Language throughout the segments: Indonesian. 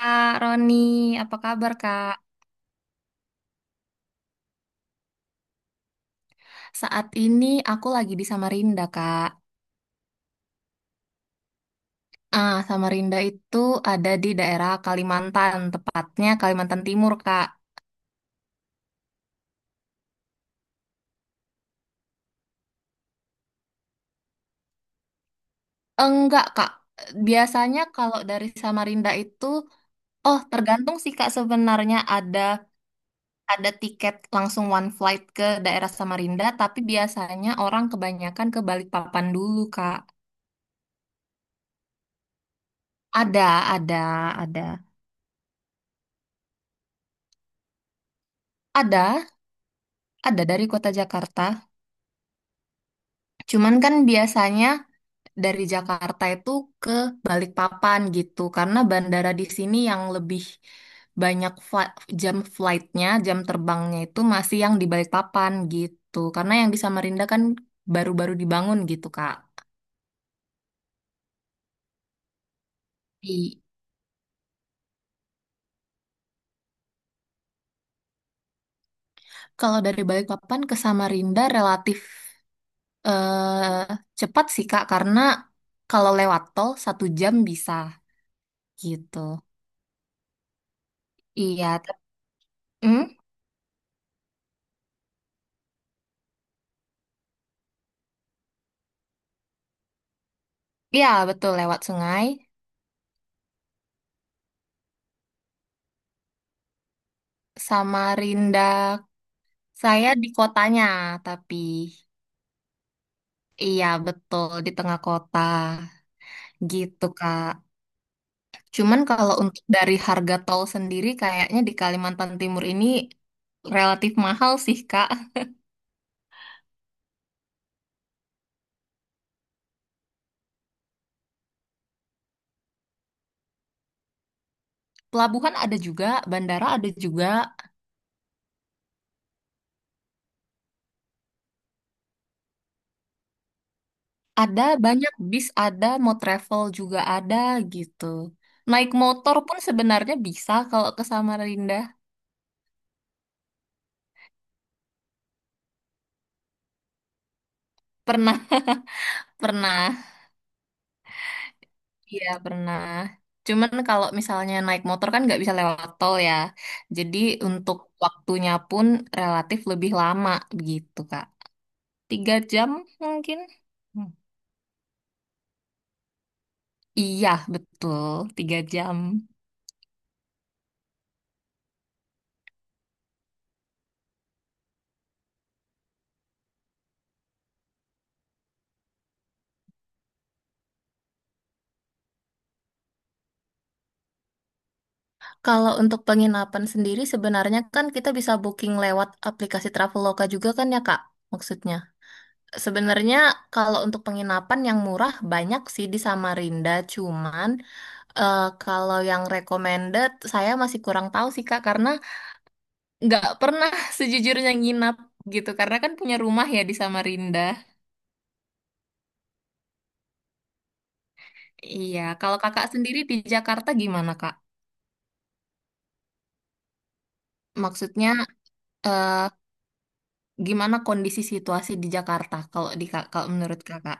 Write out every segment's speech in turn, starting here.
Kak Roni, apa kabar Kak? Saat ini aku lagi di Samarinda Kak. Ah, Samarinda itu ada di daerah Kalimantan, tepatnya Kalimantan Timur Kak. Enggak Kak, biasanya kalau dari Samarinda itu, oh tergantung sih Kak sebenarnya ada tiket langsung one flight ke daerah Samarinda, tapi biasanya orang kebanyakan ke Balikpapan dulu Kak. Ada, ada, ada. Ada, ada dari kota Jakarta. Cuman kan biasanya dari Jakarta itu ke Balikpapan gitu karena bandara di sini yang lebih banyak jam jam terbangnya itu masih yang di Balikpapan gitu karena yang di Samarinda kan baru-baru dibangun gitu Kak. I- Kalau dari Balikpapan ke Samarinda relatif eh, cepat sih Kak karena kalau lewat tol 1 jam bisa gitu. Iya, hmm? Iya betul lewat sungai. Samarinda Saya di kotanya, tapi iya betul di tengah kota gitu, Kak. Cuman kalau untuk dari harga tol sendiri kayaknya di Kalimantan Timur ini relatif mahal sih, Kak. Pelabuhan ada juga, bandara ada juga, ada banyak bis ada, mau travel juga ada gitu. Naik motor pun sebenarnya bisa kalau ke Samarinda. Pernah, pernah. Iya pernah. Cuman kalau misalnya naik motor kan nggak bisa lewat tol ya. Jadi untuk waktunya pun relatif lebih lama begitu Kak. 3 jam mungkin? Hmm. Iya betul, 3 jam. Kalau untuk penginapan sendiri sebenarnya kan kita bisa booking lewat aplikasi Traveloka juga kan ya Kak? Maksudnya. Sebenarnya kalau untuk penginapan yang murah banyak sih di Samarinda, cuman kalau yang recommended saya masih kurang tahu sih Kak karena nggak pernah sejujurnya nginap gitu karena kan punya rumah ya di Samarinda. Iya, kalau Kakak sendiri di Jakarta gimana Kak? Maksudnya eh, gimana kondisi situasi di Jakarta kalau di kalau menurut Kakak?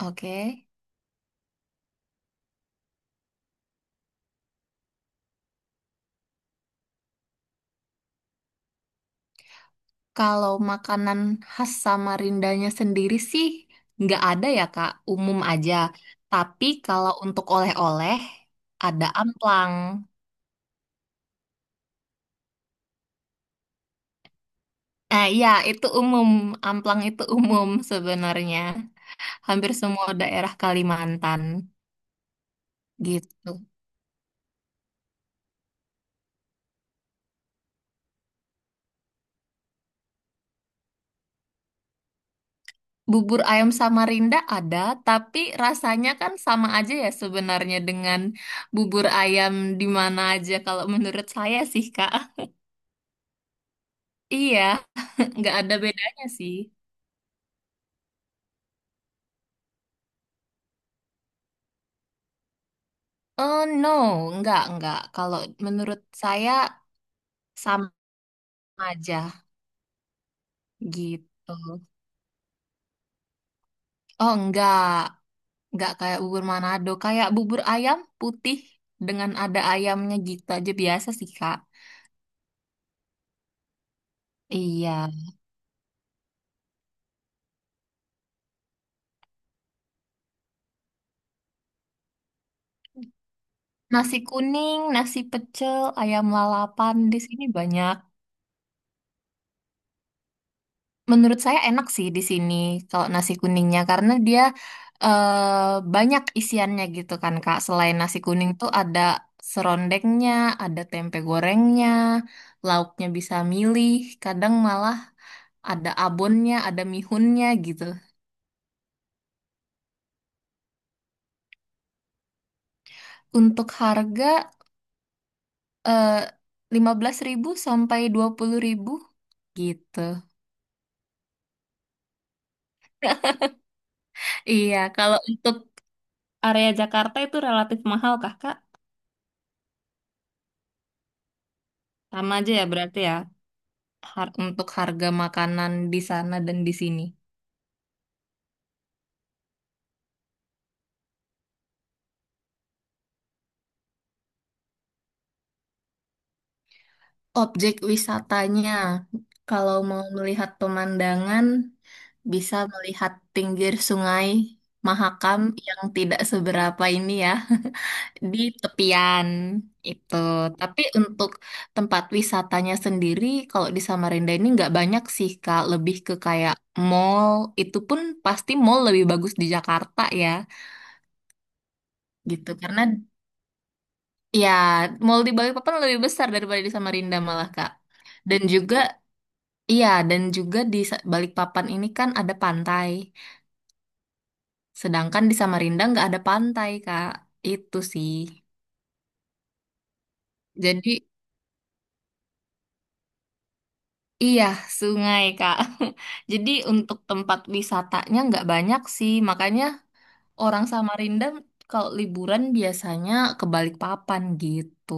Oke. Kalau makanan khas Samarindanya sendiri sih nggak ada ya Kak, umum aja. Tapi kalau untuk oleh-oleh ada amplang. Eh iya itu umum, amplang itu umum sebenarnya. Hampir semua daerah Kalimantan gitu. Bubur ayam Samarinda ada, tapi rasanya kan sama aja ya sebenarnya dengan bubur ayam di mana aja kalau menurut saya sih Kak. Iya, nggak ada bedanya sih. Oh no, enggak, enggak. Kalau menurut saya sama aja gitu. Oh enggak kayak bubur Manado. Kayak bubur ayam putih dengan ada ayamnya gitu aja biasa sih, Kak. Iya. Nasi kuning, nasi pecel, ayam lalapan di sini banyak. Menurut saya enak sih di sini kalau nasi kuningnya karena dia banyak isiannya gitu kan Kak. Selain nasi kuning tuh ada serondengnya, ada tempe gorengnya, lauknya bisa milih, kadang malah ada abonnya, ada mihunnya gitu. Untuk harga eh, 15 ribu sampai 20 ribu gitu. Iya, kalau untuk area Jakarta itu relatif mahal Kakak. Sama aja ya berarti ya. Untuk harga makanan di sana dan di sini. Objek wisatanya, kalau mau melihat pemandangan, bisa melihat pinggir sungai Mahakam yang tidak seberapa ini ya, di tepian itu. Tapi untuk tempat wisatanya sendiri, kalau di Samarinda ini nggak banyak sih, Kak. Lebih ke kayak mall, itu pun pasti mall lebih bagus di Jakarta ya, gitu. Ya, mall di Balikpapan lebih besar daripada di Samarinda malah, Kak. Dan juga, iya, dan juga di Balikpapan ini kan ada pantai. Sedangkan di Samarinda nggak ada pantai, Kak. Itu sih. Jadi, iya, sungai, Kak. Jadi untuk tempat wisatanya nggak banyak sih. Makanya orang Samarinda kalau liburan biasanya ke Balikpapan gitu.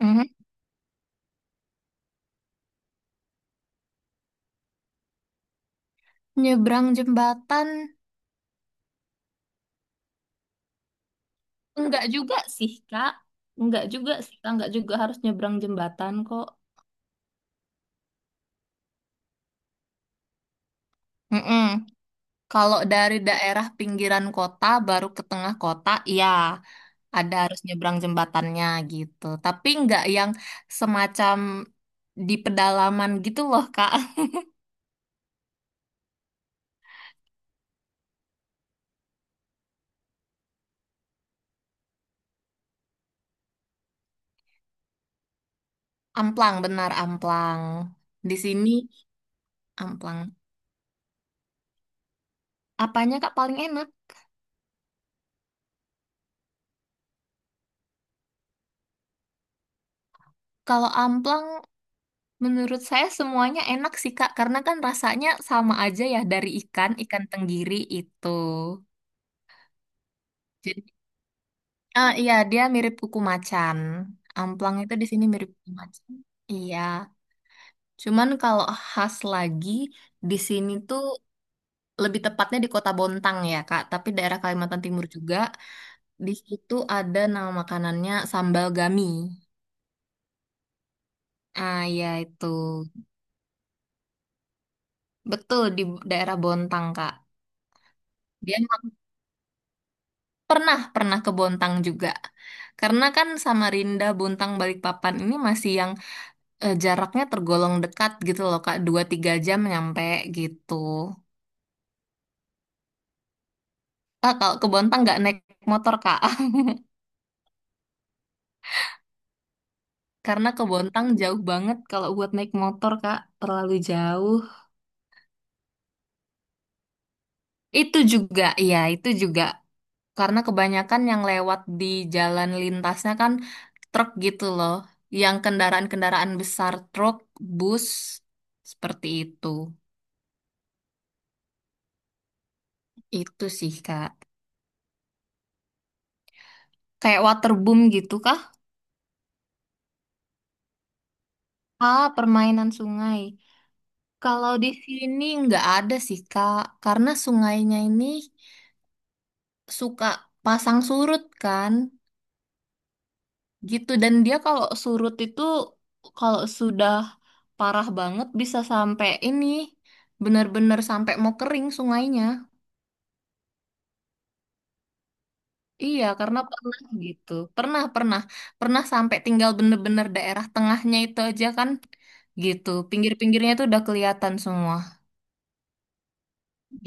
Mhm. Nyebrang jembatan Enggak juga sih, Kak. Enggak juga sih, Kak. Enggak juga harus nyebrang jembatan kok. Mm-mm. Kalau dari daerah pinggiran kota baru ke tengah kota, ya ada harus nyebrang jembatannya gitu. Tapi nggak yang semacam di pedalaman gitu loh, Kak. Amplang, benar amplang. Di sini amplang. Apanya, Kak, paling enak? Kalau amplang Menurut saya semuanya enak sih Kak, karena kan rasanya sama aja ya dari ikan, ikan tenggiri itu. Jadi, ah, iya dia mirip kuku macan. Amplang itu di sini mirip kuku macan. Iya, cuman kalau khas lagi di sini tuh lebih tepatnya di Kota Bontang ya Kak, tapi daerah Kalimantan Timur juga. Di situ ada nama makanannya sambal gami. Ah ya itu. Betul di daerah Bontang Kak. Dia Pernah, pernah ke Bontang juga. Karena kan Samarinda, Bontang, Balikpapan ini masih yang jaraknya tergolong dekat gitu loh, Kak. 2-3 jam nyampe gitu. Ah, kalau ke Bontang nggak naik motor, Kak. Karena ke Bontang jauh banget kalau buat naik motor, Kak. Terlalu jauh. Itu juga, iya, itu juga. Karena kebanyakan yang lewat di jalan lintasnya kan truk gitu loh. Yang kendaraan-kendaraan besar, truk, bus, seperti itu. Itu sih, Kak. Kayak waterboom gitu kah? Ah, permainan sungai. Kalau di sini nggak ada sih, Kak. Karena sungainya ini suka pasang surut kan. Gitu. Dan dia kalau surut itu kalau sudah parah banget bisa sampai ini benar-benar sampai mau kering sungainya. Iya, karena pernah gitu. Pernah, pernah. Pernah sampai tinggal bener-bener daerah tengahnya itu aja kan. Gitu. Pinggir-pinggirnya itu udah kelihatan semua.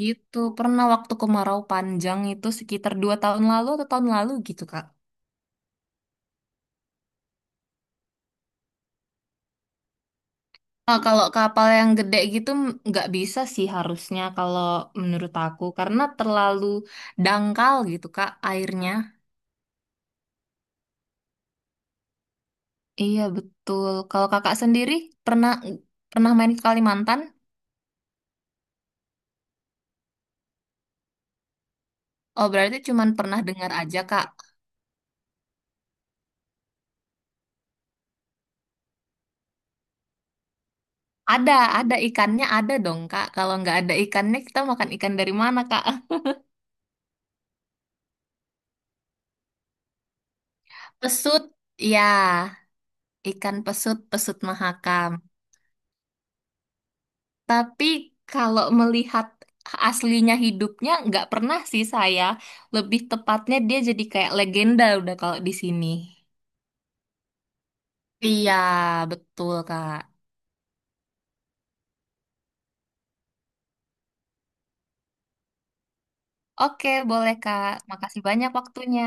Gitu. Pernah waktu kemarau panjang itu sekitar 2 tahun lalu atau tahun lalu gitu, Kak. Ah, kalau kapal yang gede gitu nggak bisa sih harusnya kalau menurut aku. Karena terlalu dangkal gitu, Kak, airnya. Iya, betul. Kalau kakak sendiri pernah pernah main ke Kalimantan? Oh, berarti cuman pernah dengar aja, Kak. Ada, ada ikannya ada dong, Kak. Kalau nggak ada ikannya, kita makan ikan dari mana, Kak? Pesut, ya, ikan pesut, pesut mahakam. Tapi kalau melihat aslinya hidupnya, nggak pernah sih saya. Lebih tepatnya dia jadi kayak legenda udah kalau di sini. Iya, betul, Kak. Oke, boleh, Kak. Makasih banyak waktunya.